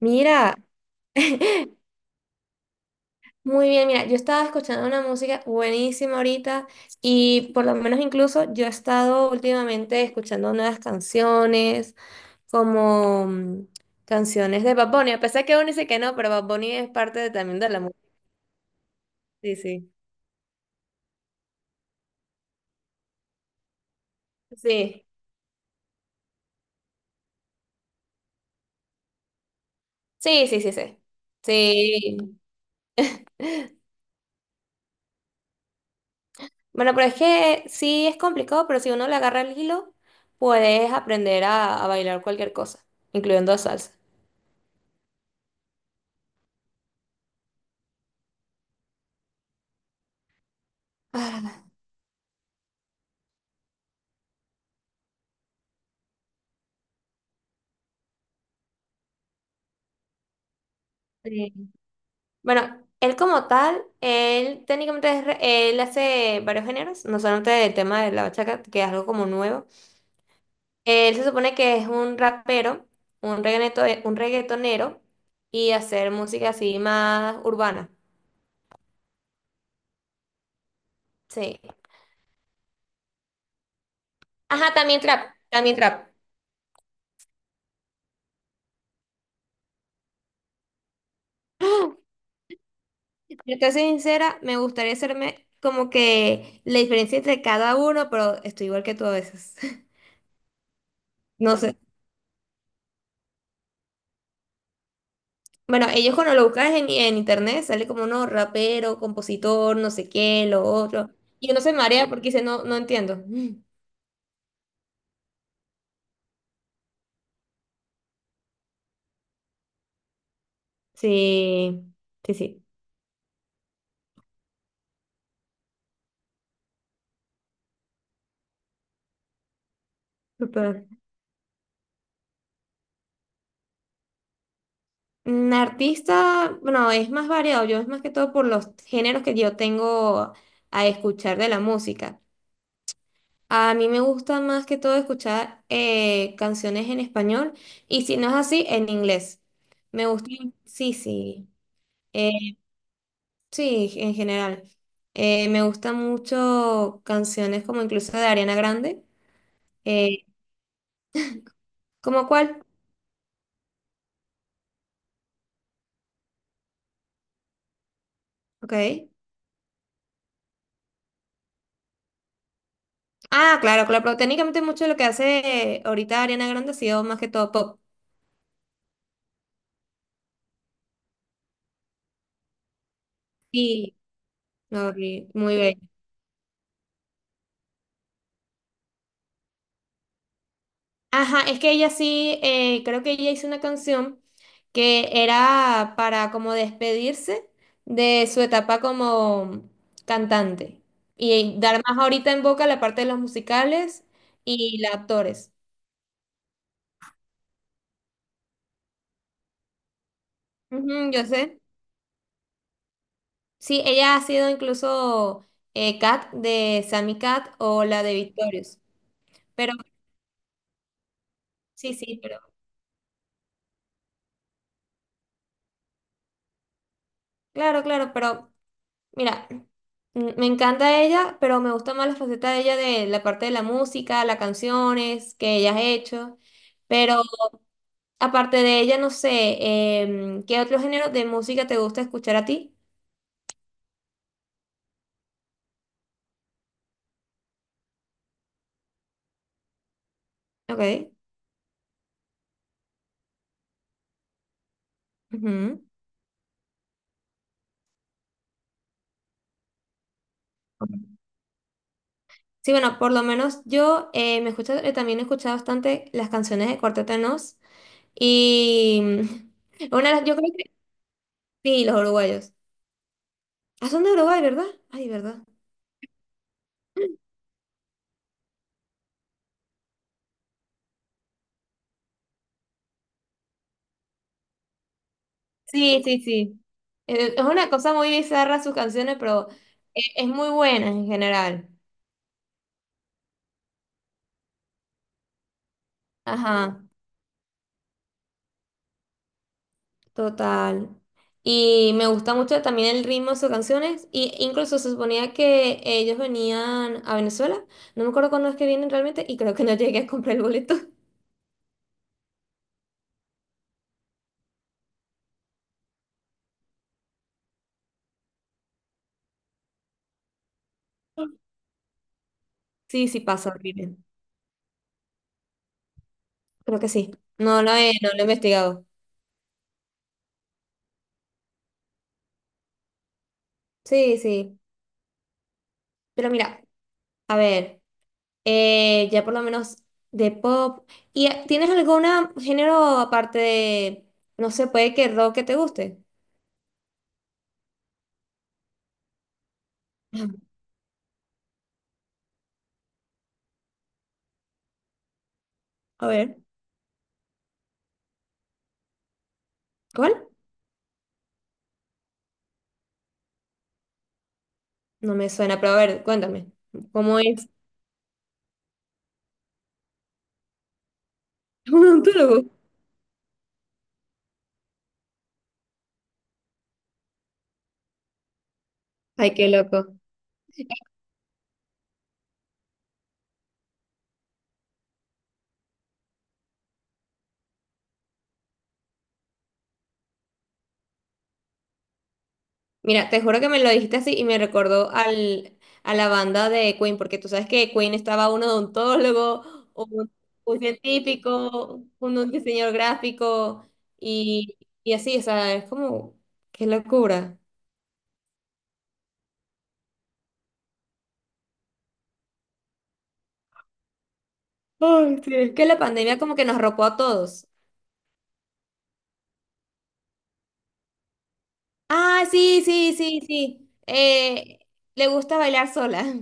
Mira, muy bien, mira, yo estaba escuchando una música buenísima ahorita y por lo menos incluso yo he estado últimamente escuchando nuevas canciones, como canciones de Bad Bunny, a pesar que uno dice que no, pero Bad Bunny es parte de- también de la música. Sí, sí. Sí, sí, sí, sí, sí. Sí. Bueno, pero es que sí es complicado, pero si uno le agarra el hilo, puedes aprender a bailar cualquier cosa, incluyendo salsa. Ah, sí. Bueno, él como tal, él técnicamente es re- él hace varios géneros, no solamente el tema de la bachaca que es algo como nuevo. Él se supone que es un rapero, un reggaeto, un reggaetonero y hacer música así más urbana. Sí. Ajá, también trap, también trap. Yo te soy sincera, me gustaría hacerme como que la diferencia entre cada uno, pero estoy igual que tú a veces. No sé. Bueno, ellos cuando lo buscas en internet sale como uno rapero, compositor, no sé qué, lo otro. Y uno se marea porque dice, no, no entiendo. Sí, sí, sí. Súper. Artista, bueno, es más variado. Yo es más que todo por los géneros que yo tengo a escuchar de la música. A mí me gusta más que todo escuchar canciones en español y si no es así, en inglés. Me gusta, sí, sí. Sí, en general. Me gustan mucho canciones como incluso de Ariana Grande. Eh, ¿Cómo cuál? Ok. Ah, claro, claro, pero técnicamente mucho de lo que hace ahorita Ariana Grande ha sido más que todo pop. Sí, no, y muy bien. Ajá, es que ella sí, creo que ella hizo una canción que era para como despedirse de su etapa como cantante y dar más ahorita en boca la parte de los musicales y los actores. Ujú, yo sé. Sí, ella ha sido incluso Kat de Sammy Cat o la de Victorious. Pero sí, sí, pero claro, pero mira, me encanta ella, pero me gusta más la faceta de ella de la parte de la música, las canciones que ella ha hecho. Pero aparte de ella, no sé, ¿qué otro género de música te gusta escuchar a ti? Ok. Ujú. Sí, bueno, por lo menos yo me escucho, también he escuchado bastante las canciones de Cuarteto de Nos. Y yo creo que sí, los uruguayos. Ah, son de Uruguay, ¿verdad? Ay, ¿verdad? Sí, sí, sí. Es una cosa muy bizarra sus canciones, pero es muy buena en general. Ajá, total. Y me gusta mucho también el ritmo de sus canciones. Y incluso se suponía que ellos venían a Venezuela. No me acuerdo cuándo es que vienen realmente y creo que no llegué a comprar el boleto. Sí, sí pasa, horrible. Creo que sí. No lo he investigado. Sí, sí. Pero mira, a ver. Ya por lo menos de pop. ¿Y tienes algún género aparte de, no sé, puede que rock que te guste? Ah, a ver, ¿cuál? No me suena, pero a ver, cuéntame, ¿cómo es un odontólogo? Ay, qué loco. Mira, te juro que me lo dijiste así y me recordó a la banda de Queen, porque tú sabes que Queen estaba un odontólogo, un, un científico, un diseñador gráfico y, y así, o sea, es como, qué locura. Ay, sí, es que la pandemia como que nos ropó a todos. Ah, sí, sí, sí, sí. Le gusta bailar sola.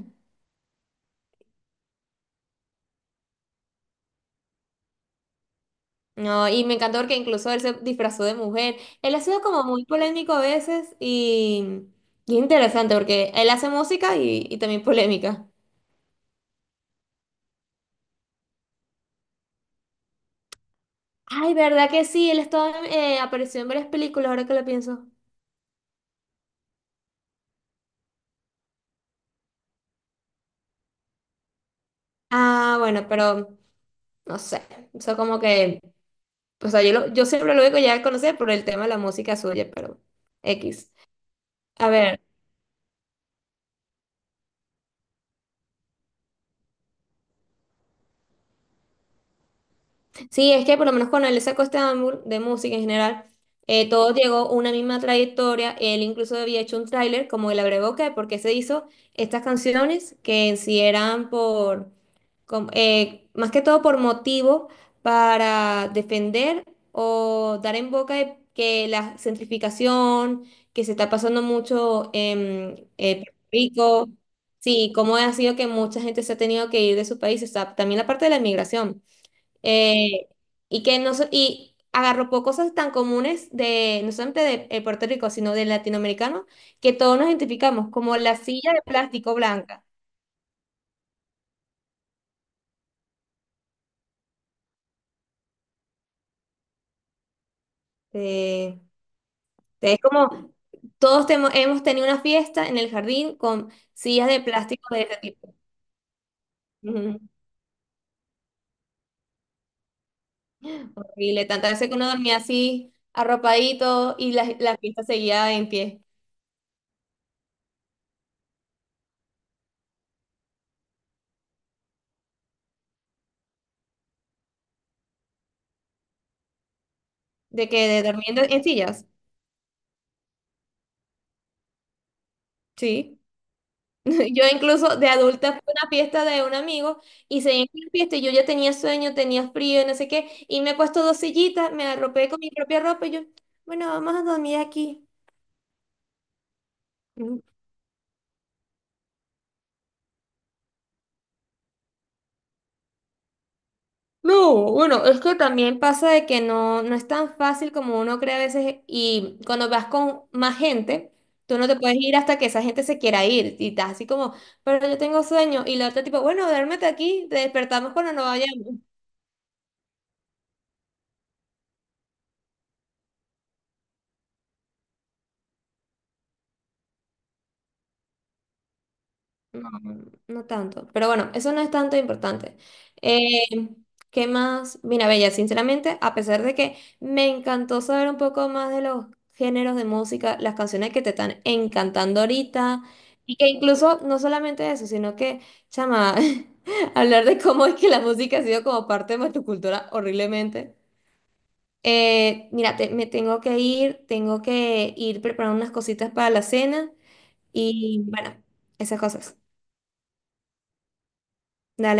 No, y me encantó porque incluso él se disfrazó de mujer. Él ha sido como muy polémico a veces y es interesante porque él hace música y también polémica. Ay, ¿verdad que sí? Él estaba, apareció en varias películas, ahora que lo pienso. Ah, bueno, pero no sé. Eso como que, o sea, yo siempre lo digo ya a conocer por el tema de la música suya, pero X. A ver. Sí, es que por lo menos con él sacó este álbum de música en general, todo llegó a una misma trayectoria. Él incluso había hecho un tráiler, como él agregó que, porque se hizo estas canciones que en sí eran más que todo por motivo para defender o dar en boca de que la centrificación que se está pasando mucho en Puerto Rico, sí, cómo ha sido que mucha gente se ha tenido que ir de su país, o sea, también la parte de la inmigración. Eh, y que no so- Y agarró cosas tan comunes de, no solamente de Puerto Rico, sino del latinoamericano, que todos nos identificamos, como la silla de plástico blanca. Eh, es como hemos tenido una fiesta en el jardín con sillas de plástico de ese tipo. Ujú. Horrible, tantas veces que uno dormía así, arropadito, y la fiesta seguía en pie, de que de, durmiendo en sillas. Sí. Yo incluso de adulta fui a una fiesta de un amigo y se en la fiesta y yo ya tenía sueño, tenía frío, no sé qué, y me he puesto dos sillitas, me arropé con mi propia ropa y yo, bueno, vamos a dormir aquí. Mm. No, bueno, es que también pasa de que no, no es tan fácil como uno cree a veces y cuando vas con más gente, tú no te puedes ir hasta que esa gente se quiera ir y estás así como, pero yo tengo sueño y la otra tipo, bueno, duérmete aquí, te despertamos cuando nos vayamos. No, no no tanto. Pero bueno, eso no es tanto importante. Eh, ¿Qué más? Mira, Bella, sinceramente, a pesar de que me encantó saber un poco más de los géneros de música, las canciones que te están encantando ahorita, y que incluso no solamente eso, sino que, chama, hablar de cómo es que la música ha sido como parte de nuestra cultura horriblemente. Mira, me tengo que ir preparando unas cositas para la cena y bueno, esas cosas. Dale.